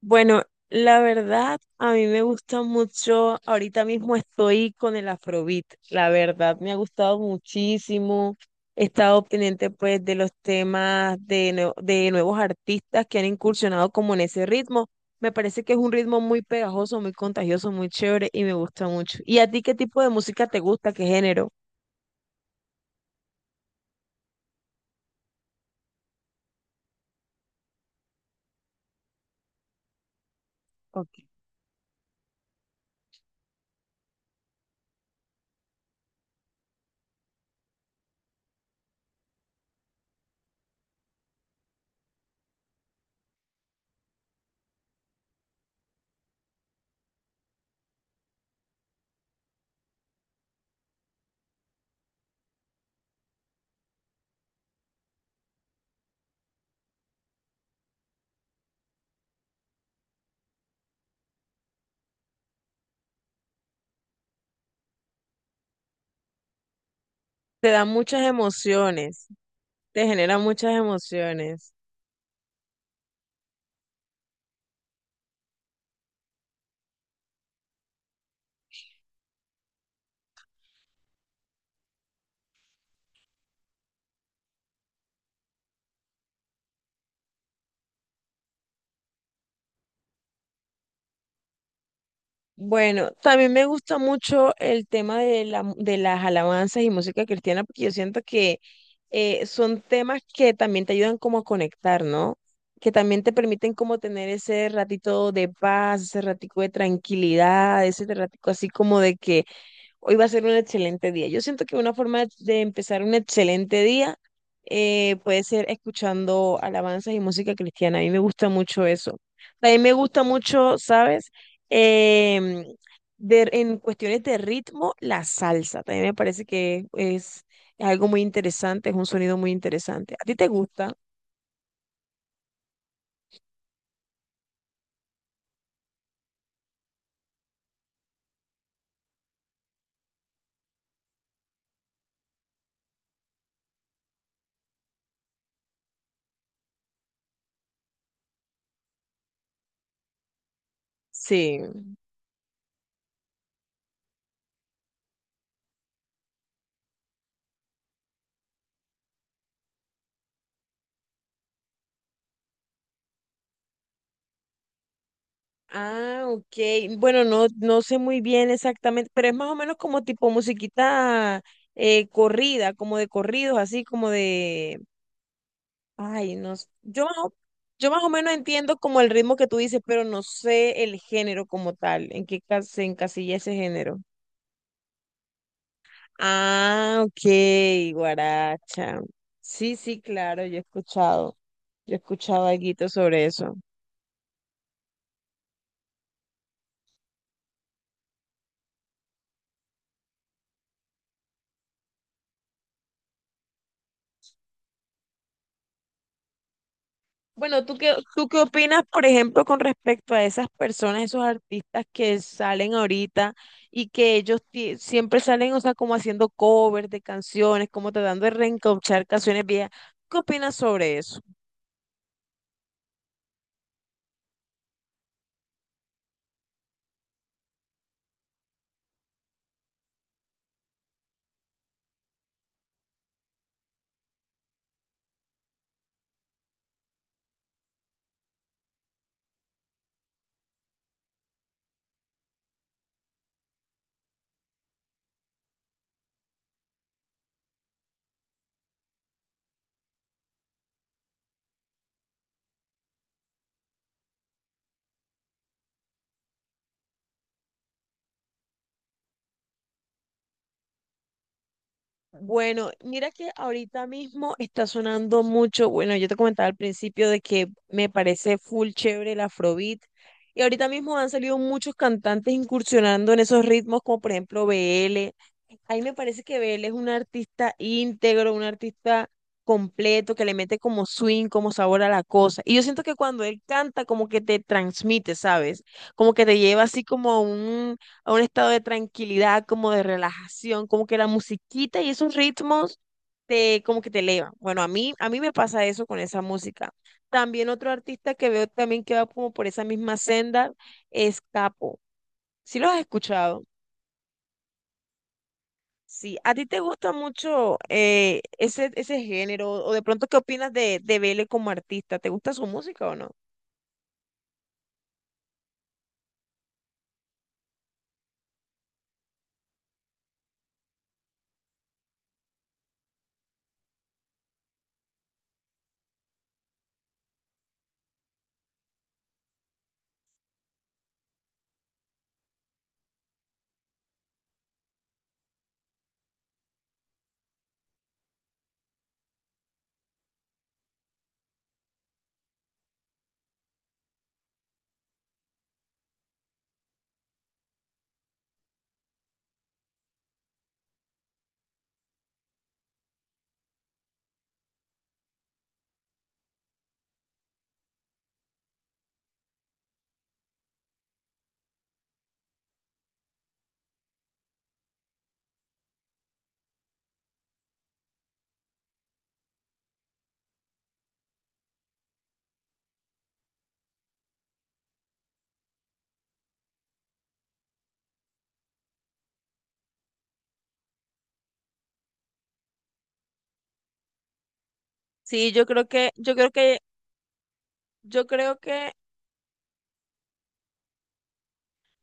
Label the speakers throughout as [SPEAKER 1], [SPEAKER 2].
[SPEAKER 1] Bueno, la verdad, a mí me gusta mucho, ahorita mismo estoy con el Afrobeat, la verdad, me ha gustado muchísimo. He estado pendiente pues de los temas de nuevos artistas que han incursionado como en ese ritmo. Me parece que es un ritmo muy pegajoso, muy contagioso, muy chévere y me gusta mucho. ¿Y a ti qué tipo de música te gusta? ¿Qué género? Ok. Te da muchas emociones, te genera muchas emociones. Bueno, también me gusta mucho el tema de las alabanzas y música cristiana porque yo siento que son temas que también te ayudan como a conectar, ¿no? Que también te permiten como tener ese ratito de paz, ese ratico de tranquilidad, ese ratico así como de que hoy va a ser un excelente día. Yo siento que una forma de empezar un excelente día puede ser escuchando alabanzas y música cristiana. A mí me gusta mucho eso. También me gusta mucho, ¿sabes? Em, en cuestiones de ritmo, la salsa. También me parece es algo muy interesante, es un sonido muy interesante. ¿A ti te gusta? Sí. Ah, ok. Bueno, no, no sé muy bien exactamente, pero es más o menos como tipo musiquita corrida, como de corridos, así como de... Ay, no s- yo más o menos entiendo como el ritmo que tú dices, pero no sé el género como tal, en qué se encasilla ese género. Ah, ok, guaracha. Sí, sí, claro, yo he escuchado algo sobre eso. Bueno, ¿tú qué opinas, por ejemplo, con respecto a esas personas, esos artistas que salen ahorita y que siempre salen, o sea, como haciendo covers de canciones, como tratando de reencauchar canciones viejas? ¿Qué opinas sobre eso? Bueno, mira que ahorita mismo está sonando mucho, bueno, yo te comentaba al principio de que me parece full chévere el Afrobeat y ahorita mismo han salido muchos cantantes incursionando en esos ritmos como por ejemplo BL. Ahí me parece que BL es un artista íntegro, un artista completo que le mete como swing, como sabor a la cosa. Y yo siento que cuando él canta como que te transmite, ¿sabes? Como que te lleva así como a un estado de tranquilidad, como de relajación, como que la musiquita y esos ritmos como que te elevan. Bueno, a mí me pasa eso con esa música. También otro artista que veo también que va como por esa misma senda es Capo. ¿Sí lo has escuchado? Sí, ¿a ti te gusta mucho ese género? ¿O de pronto qué opinas de Vele como artista? ¿Te gusta su música o no? Sí, yo creo que, yo creo que, yo creo que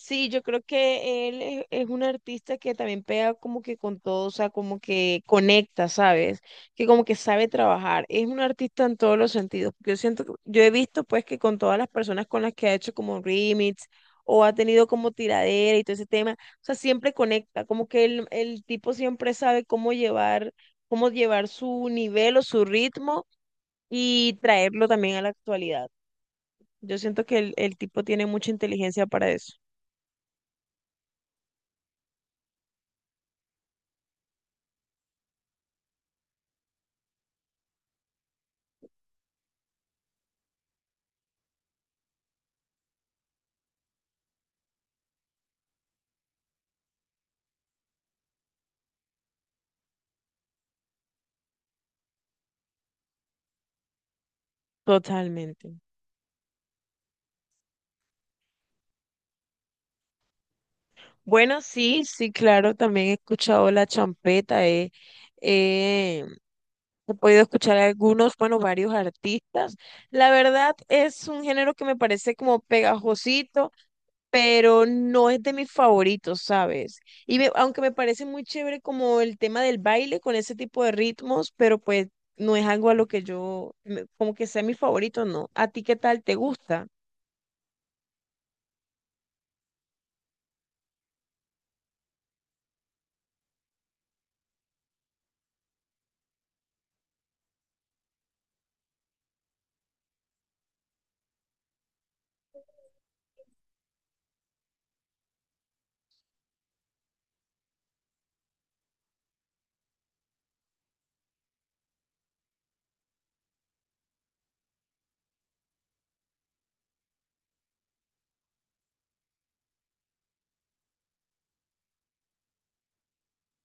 [SPEAKER 1] sí, yo creo que él es un artista que también pega como que con todo, o sea, como que conecta, ¿sabes? Que como que sabe trabajar. Es un artista en todos los sentidos. Yo siento, yo he visto pues que con todas las personas con las que ha hecho como remix o ha tenido como tiradera y todo ese tema, o sea, siempre conecta, como que el tipo siempre sabe cómo llevar su nivel o su ritmo y traerlo también a la actualidad. Yo siento que el tipo tiene mucha inteligencia para eso. Totalmente. Bueno, sí, sí, claro, también he escuchado la champeta, he- he podido escuchar algunos, bueno, varios artistas. La verdad es un género que me parece como pegajosito, pero no es de mis favoritos, ¿sabes? Y aunque me parece muy chévere como el tema del baile con ese tipo de ritmos, pero pues no es algo a lo que como que sea mi favorito, ¿no? ¿A ti qué tal te gusta?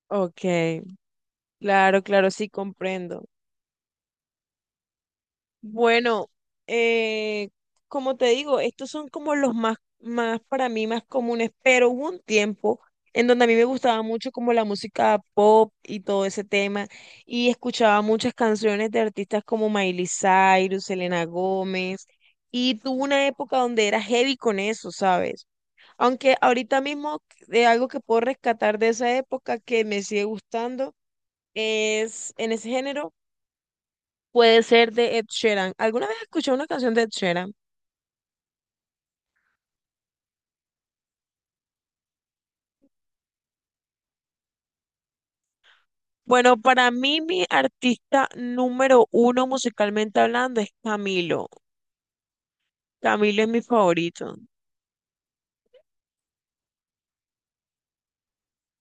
[SPEAKER 1] Ok, claro, claro, sí comprendo. Bueno, eh, como te digo, estos son como más para mí más comunes, pero hubo un tiempo en donde a mí me gustaba mucho como la música pop y todo ese tema, y escuchaba muchas canciones de artistas como Miley Cyrus, Selena Gómez, y tuve una época donde era heavy con eso, ¿sabes? Aunque ahorita mismo de algo que puedo rescatar de esa época que me sigue gustando es en ese género puede ser de Ed Sheeran. ¿Alguna vez escuché una canción de Ed Sheeran? Bueno, para mí mi artista número uno musicalmente hablando es Camilo. Camilo es mi favorito.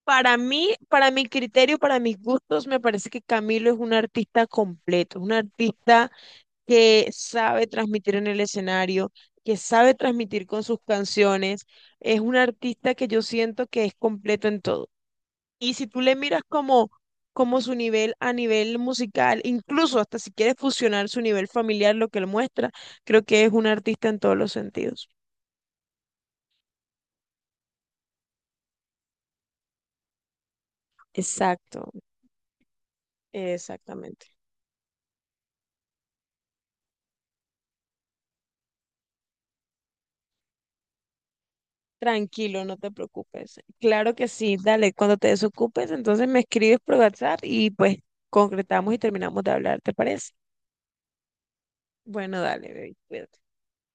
[SPEAKER 1] Para mí, para mi criterio, para mis gustos, me parece que Camilo es un artista completo, un artista que sabe transmitir en el escenario, que sabe transmitir con sus canciones. Es un artista que yo siento que es completo en todo. Y si tú le miras como, como su nivel a nivel musical, incluso hasta si quieres fusionar su nivel familiar, lo que él muestra, creo que es un artista en todos los sentidos. Exacto, exactamente. Tranquilo, no te preocupes. Claro que sí, dale, cuando te desocupes, entonces me escribes por WhatsApp y pues concretamos y terminamos de hablar, ¿te parece? Bueno, dale, baby, cuídate.